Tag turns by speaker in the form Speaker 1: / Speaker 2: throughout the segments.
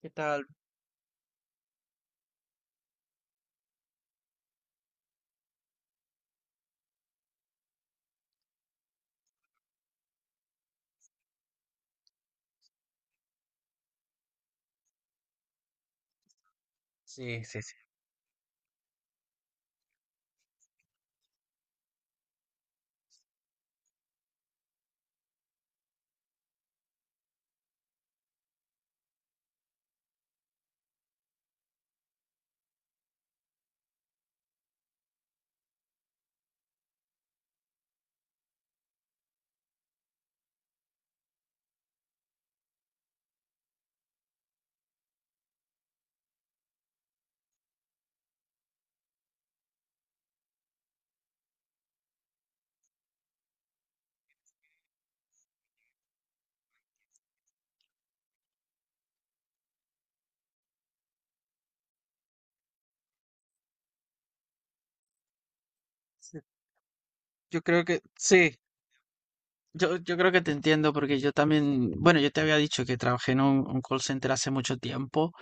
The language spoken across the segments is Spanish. Speaker 1: ¿Qué tal? Sí, sí, sí. Sí. Yo creo que sí, yo creo que te entiendo porque yo también, bueno, yo te había dicho que trabajé en un call center hace mucho tiempo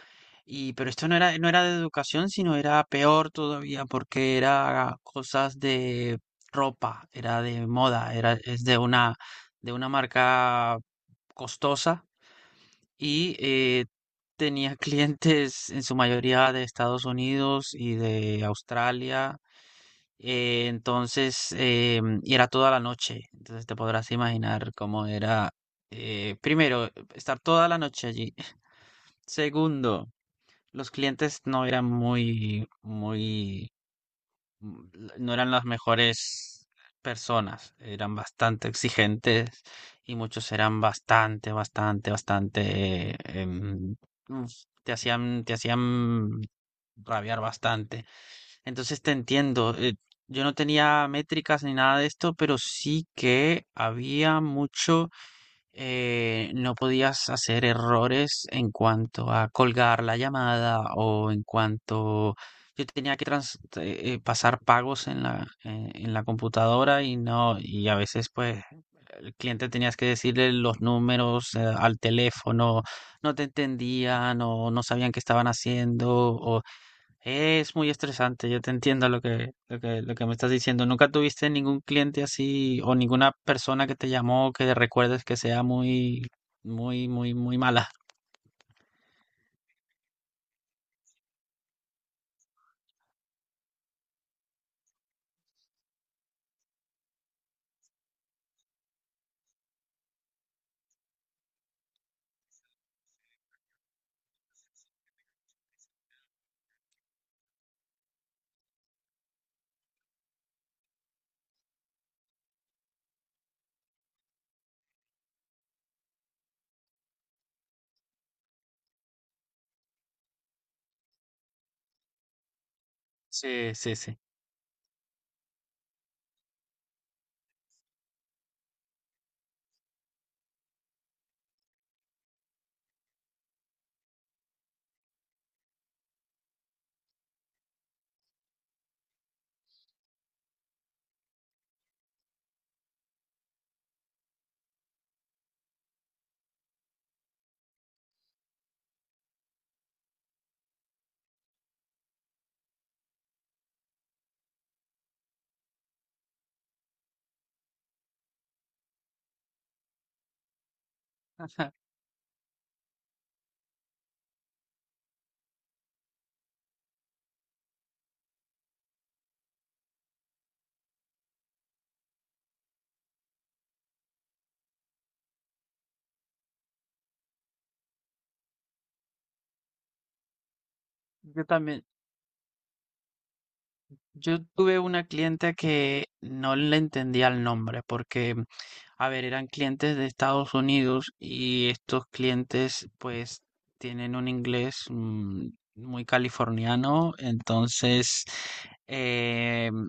Speaker 1: y pero esto no era de educación, sino era peor todavía porque era cosas de ropa, era de moda, era es de una marca costosa y tenía clientes en su mayoría de Estados Unidos y de Australia. Entonces, y era toda la noche. Entonces te podrás imaginar cómo era, primero, estar toda la noche allí. Segundo, los clientes no eran muy, muy, mm, no eran las mejores personas. Eran bastante exigentes y muchos eran bastante, bastante, bastante, uf, te hacían rabiar bastante. Entonces te entiendo. Yo no tenía métricas ni nada de esto, pero sí que había mucho, no podías hacer errores en cuanto a colgar la llamada o en cuanto yo tenía que pasar pagos en en la computadora y no, y a veces pues el cliente tenías que decirle los números, al teléfono, no te entendían o no sabían qué estaban haciendo o es muy estresante, yo te entiendo lo que, lo que, lo que me estás diciendo. ¿Nunca tuviste ningún cliente así o ninguna persona que te llamó que recuerdes que sea muy, muy, muy, muy mala? Sí, sí, sí. Yo también, yo tuve una cliente que no le entendía el nombre porque, a ver, eran clientes de Estados Unidos y estos clientes pues tienen un inglés muy californiano, entonces em,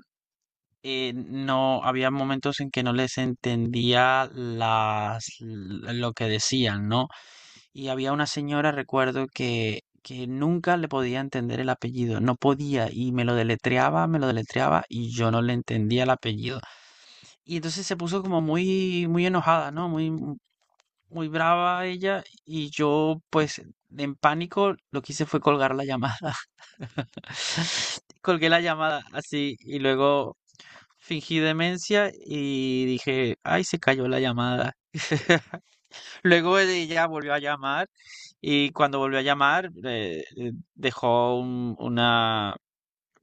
Speaker 1: no, había momentos en que no les entendía lo que decían, ¿no? Y había una señora, recuerdo, que nunca le podía entender el apellido, no podía, y me lo deletreaba, y yo no le entendía el apellido. Y entonces se puso como muy, muy enojada, ¿no? Muy, muy brava ella, y yo, pues, en pánico, lo que hice fue colgar la llamada. Colgué la llamada así, y luego fingí demencia y dije, ay, se cayó la llamada. Luego ella volvió a llamar y cuando volvió a llamar dejó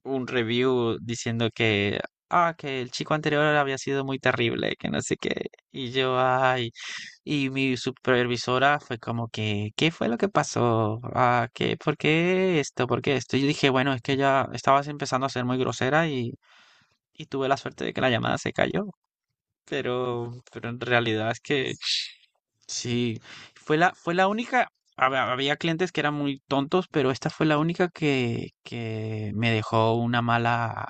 Speaker 1: un review diciendo que, ah, que el chico anterior había sido muy terrible, que no sé qué. Y yo, ay, y mi supervisora fue como que, ¿qué fue lo que pasó? Ah, ¿qué, por qué esto? ¿Por qué esto? Y yo dije, bueno, es que ya estabas empezando a ser muy grosera y tuve la suerte de que la llamada se cayó, pero en realidad es que sí, fue la única, había clientes que eran muy tontos, pero esta fue la única que me dejó una mala,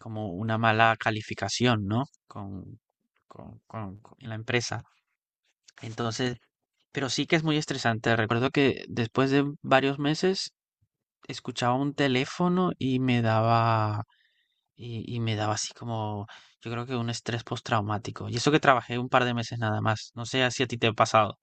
Speaker 1: como una mala calificación, ¿no? Con la empresa. Entonces, pero sí que es muy estresante. Recuerdo que después de varios meses escuchaba un teléfono y me daba. Y me daba así como, yo creo que un estrés postraumático. Y eso que trabajé un par de meses nada más. No sé si a ti te ha pasado.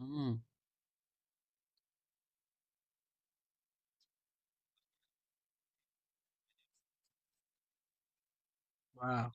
Speaker 1: Mm. Wow.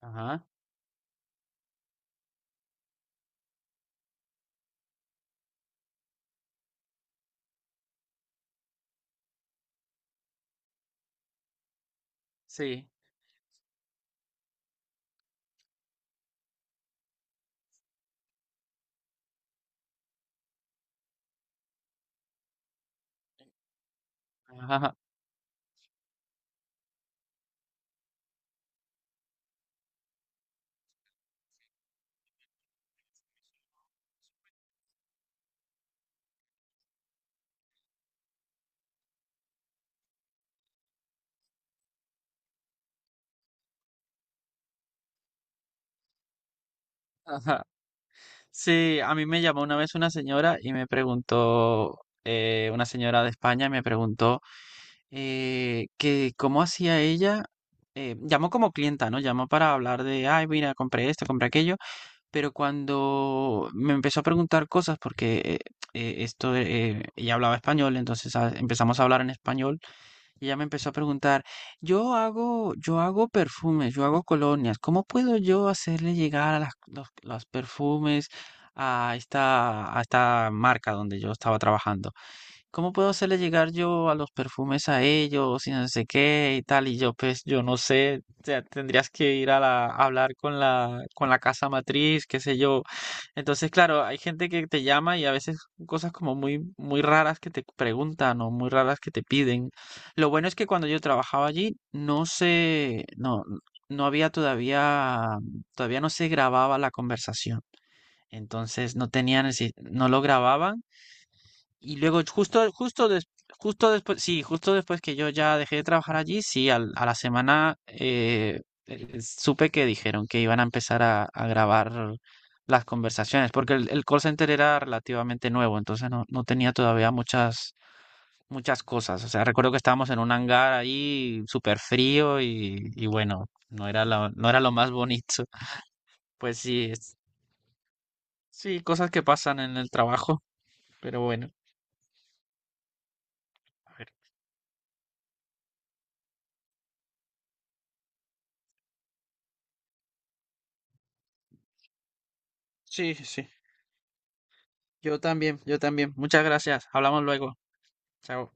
Speaker 1: Ajá, sí. Ajá, ajá. Sí, a mí me llamó una vez una señora y me preguntó, una señora de España me preguntó que cómo hacía ella, llamó como clienta, ¿no? Llamó para hablar de, ay, mira, compré esto, compré aquello. Pero cuando me empezó a preguntar cosas, porque ella hablaba español, entonces ah, empezamos a hablar en español, y ella me empezó a preguntar, yo hago perfumes, yo hago colonias, ¿cómo puedo yo hacerle llegar a los perfumes a esta marca donde yo estaba trabajando? ¿Cómo puedo hacerle llegar yo a los perfumes a ellos y no sé qué y tal? Y yo, pues, yo no sé, o sea, tendrías que ir a la, a hablar con la casa matriz, qué sé yo. Entonces, claro, hay gente que te llama y a veces cosas como muy, muy raras que te preguntan o muy raras que te piden. Lo bueno es que cuando yo trabajaba allí, no sé, no, no había todavía, todavía no se grababa la conversación. Entonces no tenían, el no lo grababan. Y luego justo, justo, justo después, sí, justo después que yo ya dejé de trabajar allí, sí, a la semana supe que dijeron que iban a empezar a grabar las conversaciones, porque el call center era relativamente nuevo, entonces no, no tenía todavía muchas, muchas cosas. O sea, recuerdo que estábamos en un hangar ahí súper frío y bueno, no era lo, no era lo más bonito. Pues sí, sí, cosas que pasan en el trabajo, pero bueno, a ver. Sí, sí. Yo también, yo también. Muchas gracias. Hablamos luego. Chao.